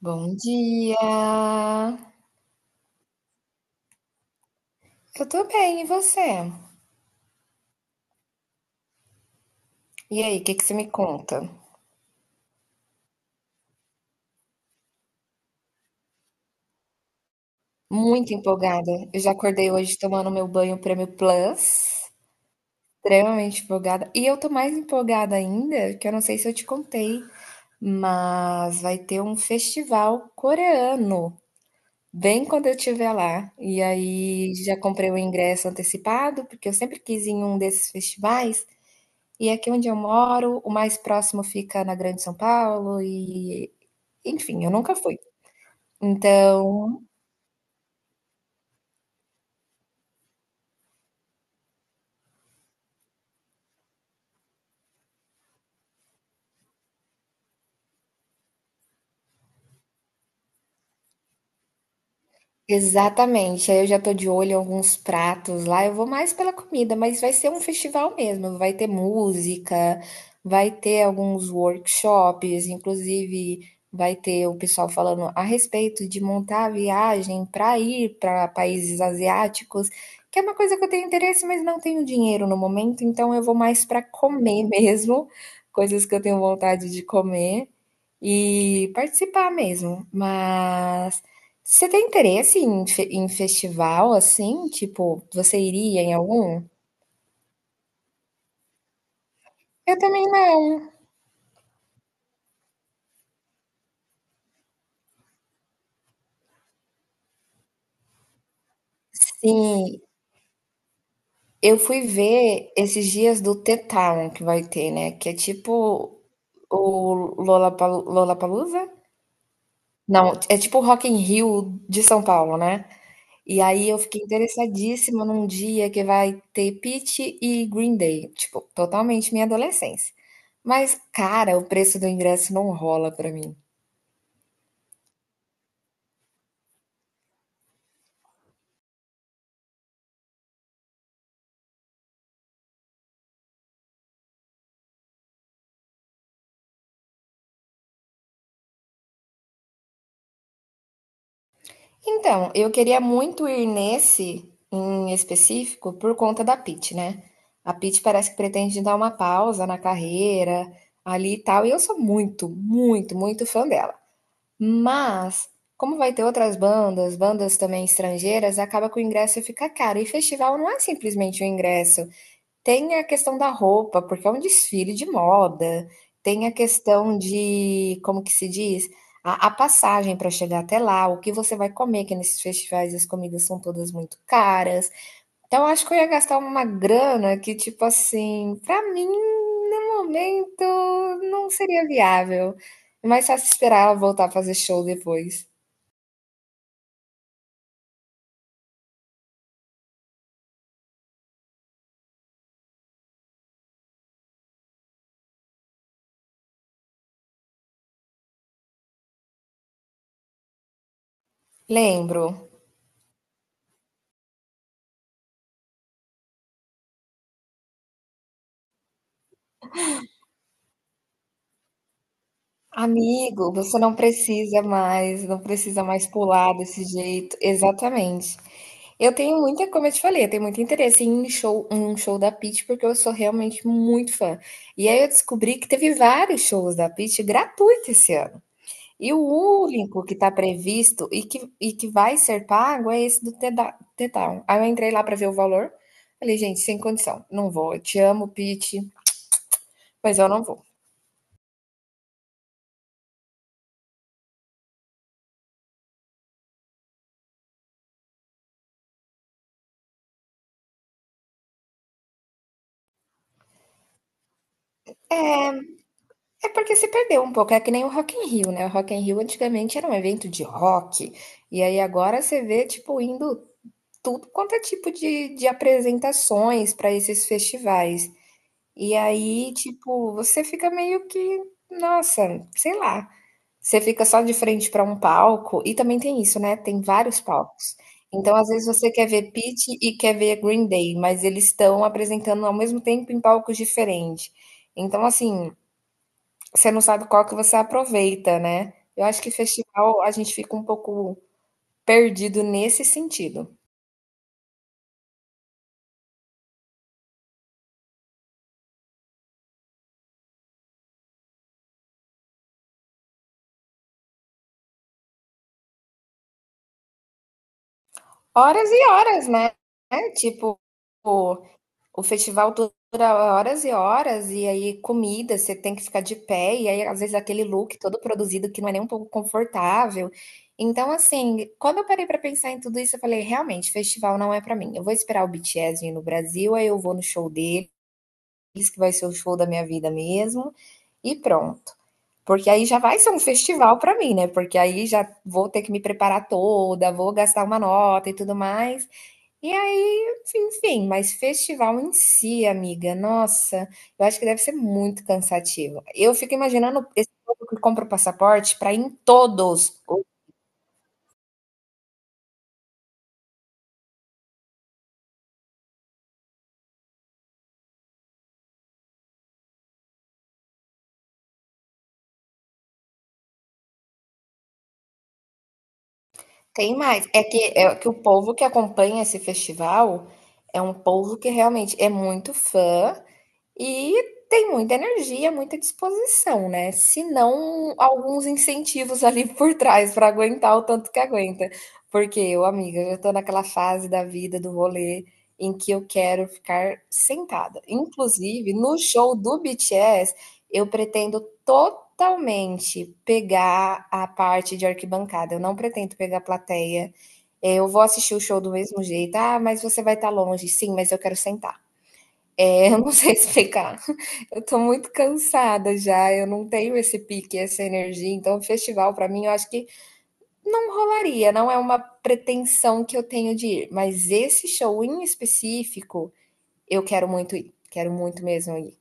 Bom dia! Eu tô bem, e você? E aí, o que que você me conta? Muito empolgada. Eu já acordei hoje tomando meu banho Prêmio Plus, extremamente empolgada. E eu tô mais empolgada ainda, que eu não sei se eu te contei, mas vai ter um festival coreano, bem quando eu estiver lá. E aí já comprei o ingresso antecipado, porque eu sempre quis ir em um desses festivais. E aqui onde eu moro, o mais próximo fica na Grande São Paulo e enfim, eu nunca fui. Então exatamente. Aí eu já tô de olho em alguns pratos lá. Eu vou mais pela comida, mas vai ser um festival mesmo. Vai ter música, vai ter alguns workshops, inclusive vai ter o pessoal falando a respeito de montar a viagem para ir para países asiáticos, que é uma coisa que eu tenho interesse, mas não tenho dinheiro no momento, então eu vou mais para comer mesmo, coisas que eu tenho vontade de comer e participar mesmo. Mas você tem interesse em fe em festival, assim? Tipo, você iria em algum? Eu também não. Sim, eu fui ver esses dias do The Town que vai ter, né, que é tipo o Lollapalooza? Não, é tipo o Rock in Rio de São Paulo, né. E aí eu fiquei interessadíssima num dia que vai ter Pitty e Green Day, tipo, totalmente minha adolescência. Mas, cara, o preço do ingresso não rola pra mim. Então, eu queria muito ir nesse em específico por conta da Pitty, né? A Pitty parece que pretende dar uma pausa na carreira ali e tal, e eu sou muito, muito, muito fã dela. Mas, como vai ter outras bandas, bandas também estrangeiras, acaba que o ingresso fica caro. E festival não é simplesmente o ingresso. Tem a questão da roupa, porque é um desfile de moda. Tem a questão de, como que se diz? A passagem para chegar até lá, o que você vai comer, que nesses festivais as comidas são todas muito caras. Então, eu acho que eu ia gastar uma grana que, tipo assim, para mim, no momento, não seria viável. É mais fácil esperar ela voltar a fazer show depois. Lembro. Amigo, você não precisa mais, não precisa mais pular desse jeito. Exatamente. Eu tenho muita, como eu te falei, eu tenho muito interesse em um show da Pitty, porque eu sou realmente muito fã. E aí eu descobri que teve vários shows da Pitty gratuitos esse ano. E o único que está previsto e que vai ser pago é esse do The Down. Aí eu entrei lá para ver o valor. Falei, gente, sem condição, não vou. Eu te amo, Pitty, mas eu não vou. É porque se perdeu um pouco, é que nem o Rock in Rio, né? O Rock in Rio antigamente era um evento de rock, e aí agora você vê, tipo, indo tudo quanto é tipo de apresentações para esses festivais. E aí, tipo, você fica meio que, nossa, sei lá. Você fica só de frente para um palco, e também tem isso, né? Tem vários palcos. Então, às vezes, você quer ver Pitty e quer ver Green Day, mas eles estão apresentando ao mesmo tempo em palcos diferentes. Então, assim, você não sabe qual que você aproveita, né? Eu acho que festival a gente fica um pouco perdido nesse sentido. Horas e horas, né? É, tipo, o, o festival dura horas e horas, e aí comida, você tem que ficar de pé, e aí às vezes aquele look todo produzido que não é nem um pouco confortável. Então, assim, quando eu parei pra pensar em tudo isso, eu falei, realmente, festival não é pra mim. Eu vou esperar o BTS vir no Brasil, aí eu vou no show deles, que vai ser o show da minha vida mesmo, e pronto. Porque aí já vai ser um festival pra mim, né? Porque aí já vou ter que me preparar toda, vou gastar uma nota e tudo mais. E aí, enfim, mas festival em si, amiga, nossa, eu acho que deve ser muito cansativo. Eu fico imaginando esse povo que compra o passaporte para ir em todos. Tem mais. É que o povo que acompanha esse festival é um povo que realmente é muito fã. E tem muita energia, muita disposição, né, se não alguns incentivos ali por trás para aguentar o tanto que aguenta. Porque eu, amiga, já estou naquela fase da vida, do rolê, em que eu quero ficar sentada. Inclusive, no show do BTS, eu pretendo totalmente pegar a parte de arquibancada, eu não pretendo pegar a plateia. Eu vou assistir o show do mesmo jeito: "Ah, mas você vai estar longe". "Sim, mas eu quero sentar". Eu não sei explicar. Eu tô muito cansada já, eu não tenho esse pique, essa energia, então festival pra mim eu acho que não rolaria, não é uma pretensão que eu tenho de ir, mas esse show em específico eu quero muito ir, quero muito mesmo ir.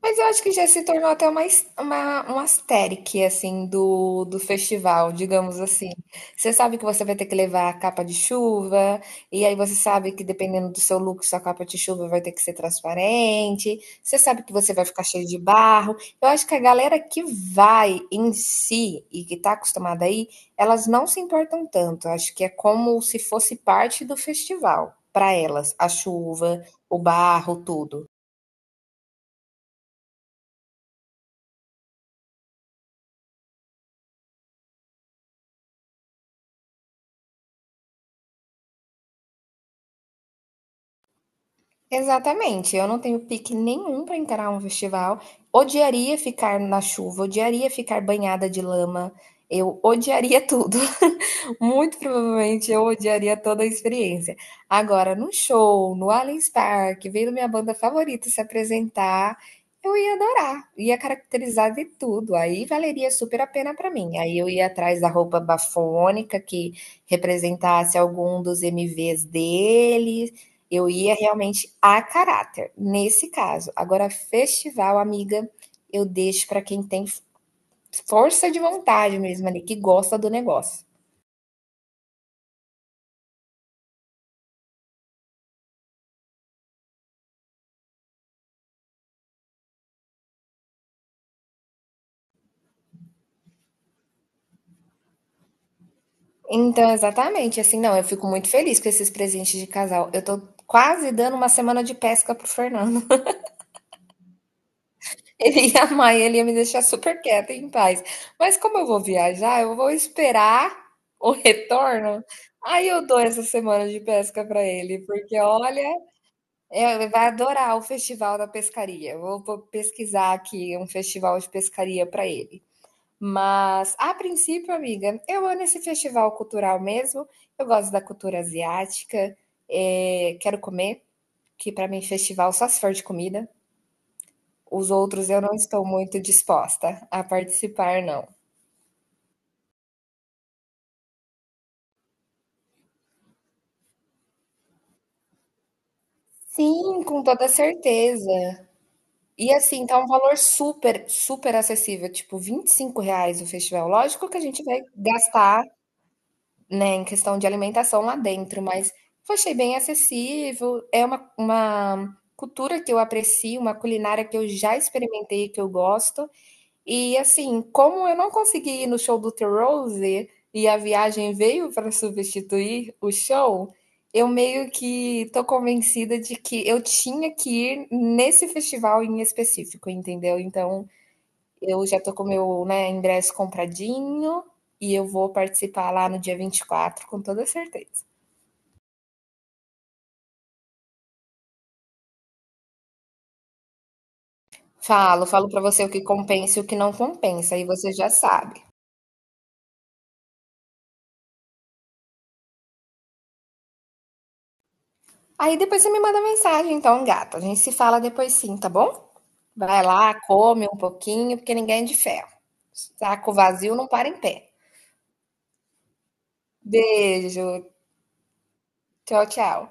Mas eu acho que já se tornou até um asterique, assim, do festival, digamos assim. Você sabe que você vai ter que levar a capa de chuva, e aí você sabe que dependendo do seu look, sua capa de chuva vai ter que ser transparente, você sabe que você vai ficar cheio de barro. Eu acho que a galera que vai em si e que tá acostumada aí, elas não se importam tanto. Eu acho que é como se fosse parte do festival, para elas, a chuva, o barro, tudo. Exatamente, eu não tenho pique nenhum para encarar um festival. Odiaria ficar na chuva, odiaria ficar banhada de lama, eu odiaria tudo. Muito provavelmente eu odiaria toda a experiência. Agora, num show, no Allianz Parque, vendo minha banda favorita se apresentar, eu ia adorar, ia caracterizar de tudo. Aí valeria super a pena para mim. Aí eu ia atrás da roupa bafônica que representasse algum dos MVs dele. Eu ia realmente a caráter, nesse caso. Agora, festival, amiga, eu deixo para quem tem força de vontade mesmo ali, que gosta do negócio. Então, exatamente, assim, não, eu fico muito feliz com esses presentes de casal. Eu tô quase dando uma semana de pesca pro Fernando. Ele ia amar, ele ia me deixar super quieta e em paz. Mas como eu vou viajar, eu vou esperar o retorno. Aí eu dou essa semana de pesca pra ele, porque olha, é, ele vai adorar o festival da pescaria. Eu vou pesquisar aqui um festival de pescaria pra ele. Mas, a princípio, amiga, eu amo esse festival cultural mesmo. Eu gosto da cultura asiática. Quero comer, que para mim festival só se for de comida. Os outros eu não estou muito disposta a participar, não. Sim, com toda certeza. E assim, tá um valor super, super acessível, tipo R$ 25 o festival. Lógico que a gente vai gastar, né, em questão de alimentação lá dentro, mas eu achei bem acessível, é uma cultura que eu aprecio, uma culinária que eu já experimentei, que eu gosto. E, assim, como eu não consegui ir no show do The Rose, e a viagem veio para substituir o show, eu meio que tô convencida de que eu tinha que ir nesse festival em específico, entendeu. Então, eu já tô com o meu, né, ingresso compradinho e eu vou participar lá no dia 24 com toda certeza. Falo, falo pra você o que compensa e o que não compensa, aí você já sabe. Aí depois você me manda mensagem, então, gata. A gente se fala depois sim, tá bom? Vai lá, come um pouquinho, porque ninguém é de ferro. Saco vazio não para em pé. Beijo. Tchau, tchau.